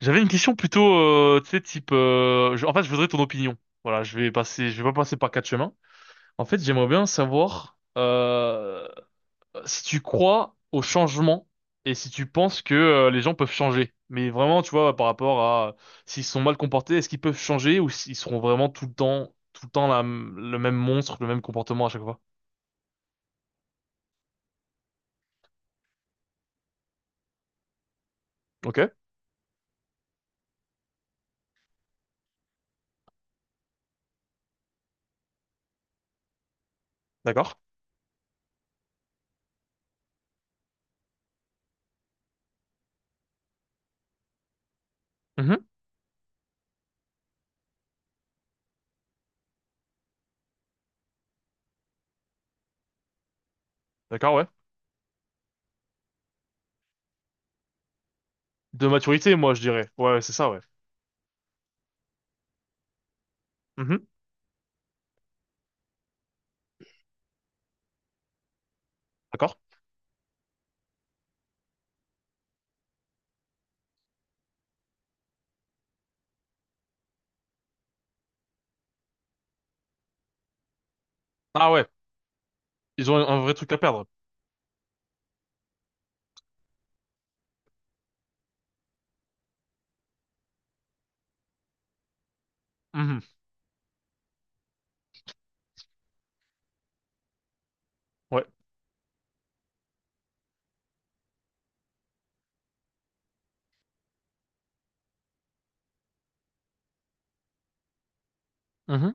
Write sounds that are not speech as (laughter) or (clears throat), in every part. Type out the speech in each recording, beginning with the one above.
J'avais une question plutôt, tu sais, type. En fait, je voudrais ton opinion. Voilà, je vais pas passer par quatre chemins. En fait, j'aimerais bien savoir si tu crois au changement et si tu penses que les gens peuvent changer. Mais vraiment, tu vois, par rapport à s'ils sont mal comportés, est-ce qu'ils peuvent changer ou s'ils seront vraiment tout le temps le même monstre, le même comportement à chaque fois. Ok, d'accord. Mhm, d'accord, ouais. De maturité, moi, je dirais. Ouais, c'est ça, ouais. Mhm, d'accord. Ah, ouais, ils ont un vrai truc à perdre. Mhm. Ouais. Mhm.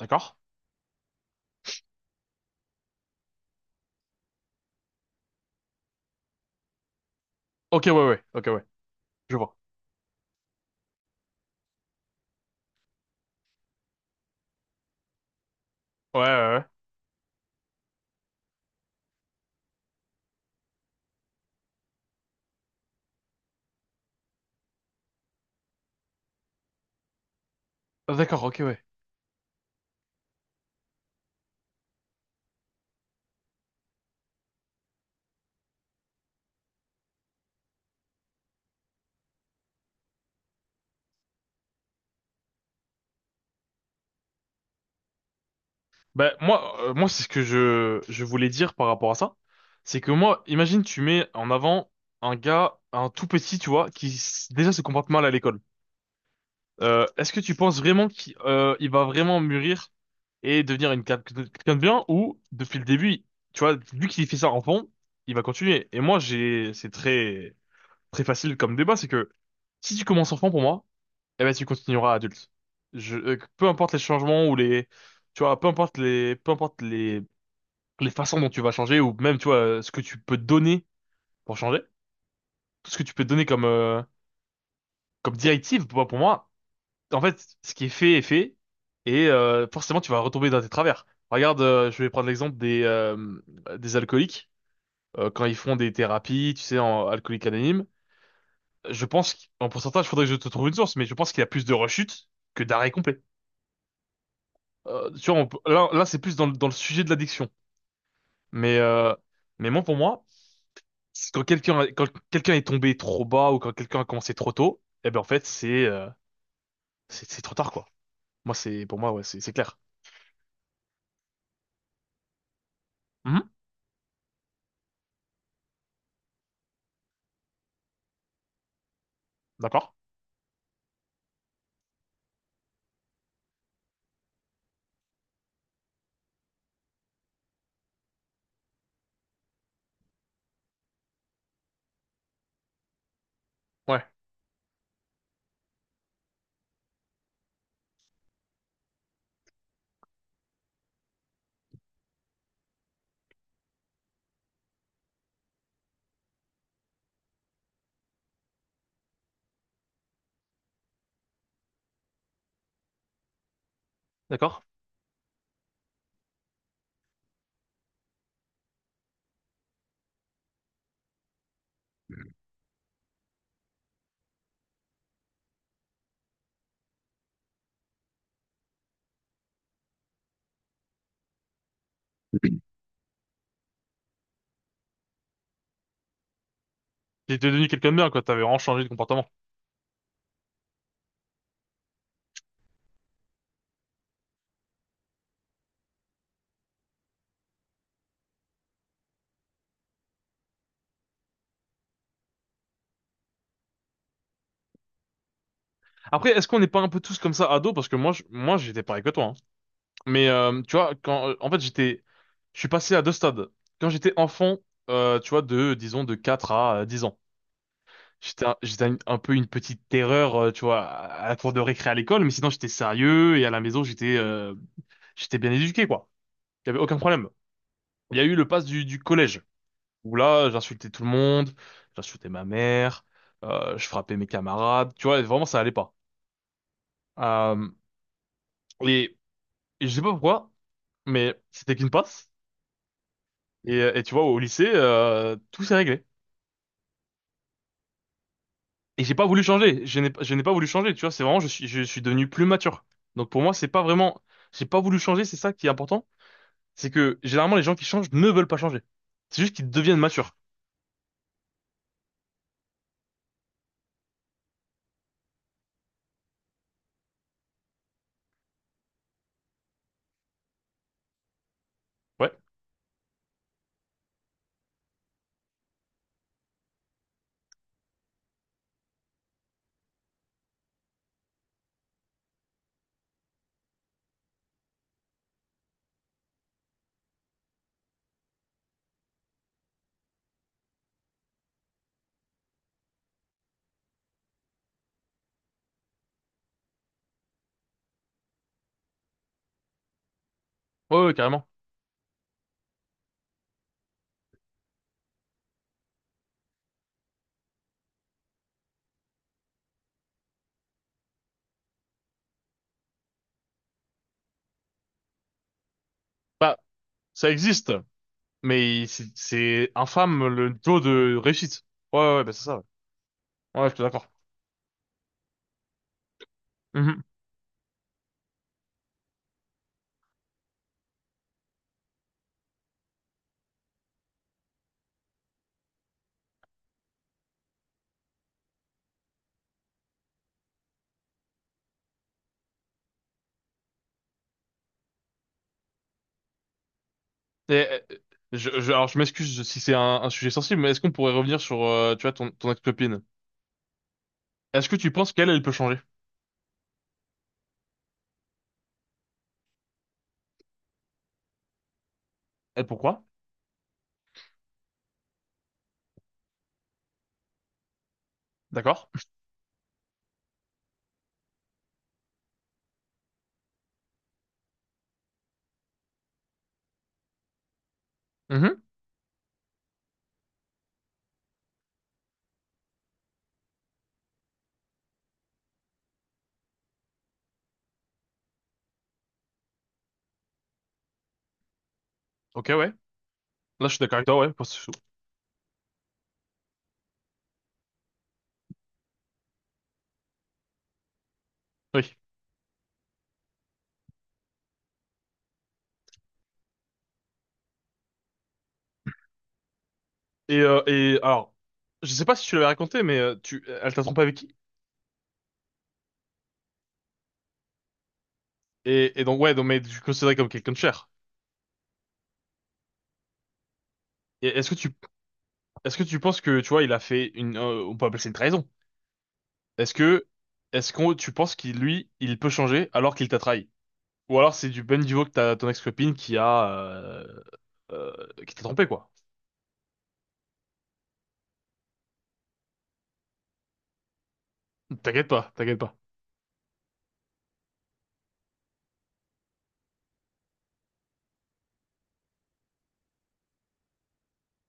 D'accord. Ok, ouais, ouais, ok, ouais, je vois. Ouais, ouais, ouais. Ah, d'accord, ok, ouais. Ben, moi, c'est ce que je voulais dire par rapport à ça. C'est que moi, imagine, tu mets en avant un gars, un tout petit, tu vois, qui déjà se comporte mal à l'école. Est-ce que tu penses vraiment qu'il il va vraiment mûrir et devenir une quelqu'un de bien ou, depuis le début, tu vois, vu qu'il fait ça enfant, il va continuer. Et moi, c'est très, très facile comme débat, c'est que si tu commences enfant pour moi, eh ben tu continueras adulte. Peu importe les changements ou les, tu vois, les façons dont tu vas changer ou même, tu vois, ce que tu peux donner pour changer, tout ce que tu peux donner comme directive, pour moi, en fait, ce qui est fait et forcément tu vas retomber dans tes travers. Regarde, je vais prendre l'exemple des alcooliques quand ils font des thérapies, tu sais, en alcoolique anonyme. Je pense qu'en pourcentage, faudrait que je te trouve une source, mais je pense qu'il y a plus de rechutes que d'arrêt complet. Tu vois, là c'est plus dans, dans le sujet de l'addiction. Mais, euh, mais moi, pour moi, c'est quand quelqu'un est tombé trop bas ou quand quelqu'un a commencé trop tôt, eh ben, en fait, c'est trop tard, quoi. Moi, pour moi, ouais, c'est clair. Mhm. D'accord? Ouais, d'accord. (clears throat) J'étais devenu quelqu'un de bien, quoi. T'avais vraiment changé de comportement. Après, est-ce qu'on n'est pas un peu tous comme ça ados? Parce que moi, moi, j'étais pareil que toi, hein. Mais tu vois, en fait, je suis passé à deux stades. Quand j'étais enfant, tu vois, de, disons, de 4 à 10 ans. J'étais un peu une petite terreur, tu vois, à la cour de récré à l'école, mais sinon j'étais sérieux et à la maison j'étais bien éduqué, quoi. Il y avait aucun problème. Il y a eu le pass du collège, où là j'insultais tout le monde, j'insultais ma mère, je frappais mes camarades, tu vois, vraiment ça allait pas. Euh, et, et je sais pas pourquoi, mais c'était qu'une passe. Et tu vois, au lycée, tout s'est réglé. Et j'ai pas voulu changer. Je n'ai pas voulu changer, tu vois. C'est vraiment, je suis devenu plus mature. Donc pour moi, c'est pas vraiment, j'ai pas voulu changer. C'est ça qui est important. C'est que généralement, les gens qui changent ne veulent pas changer. C'est juste qu'ils deviennent matures. Ouais. Ouais, ouais, carrément. Bah, ça existe, mais c'est infâme le taux de réussite. Ouais, ouais, ouais, bah c'est ça. Ouais, ouais, je suis d'accord. Mhm. Et, euh, alors, je m'excuse si c'est un sujet sensible, mais est-ce qu'on pourrait revenir sur, tu vois, ton ex-copine? Est-ce que tu penses qu'elle, elle peut changer? Et pourquoi? D'accord. Mhm. Ok, ouais. Là, je suis d'accord avec toi, ouais. Je suis chaud. Oui. Et alors, je sais pas si tu l'avais raconté, mais elle t'a trompé avec qui? Et donc, ouais, donc, mais tu le considérais comme quelqu'un de cher. Et est-ce que tu penses que, tu vois, il a fait on peut appeler ça une trahison. Est-ce que, est-ce qu'on, tu penses qu'il, lui, il peut changer alors qu'il t'a trahi? Ou alors c'est du ben niveau que t'as ton ex-copine euh, qui t'a trompé, quoi. T'inquiète pas, t'inquiète pas.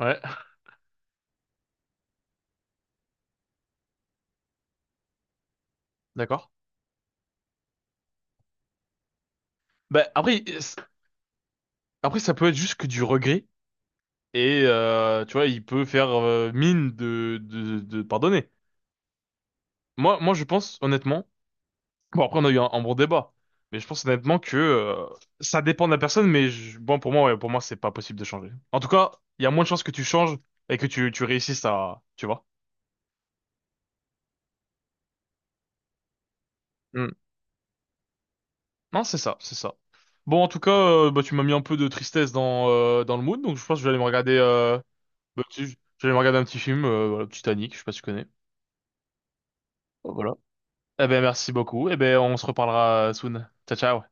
Ouais, d'accord. Bah, après, après, ça peut être juste que du regret et tu vois, il peut faire mine de pardonner. Moi, je pense honnêtement. Bon, après, on a eu un bon débat, mais je pense honnêtement que ça dépend de la personne. Mais bon, ouais, pour moi, c'est pas possible de changer. En tout cas, il y a moins de chances que tu changes et que tu réussisses à, tu vois. Mm. Non, c'est ça, c'est ça. Bon, en tout cas, bah, tu m'as mis un peu de tristesse dans dans le mood, donc je pense que je vais aller me regarder. Bah, je vais aller me regarder un petit film, voilà, Titanic. Je sais pas si tu connais. Voilà. Eh ben, merci beaucoup. Eh ben, on se reparlera soon. Ciao, ciao.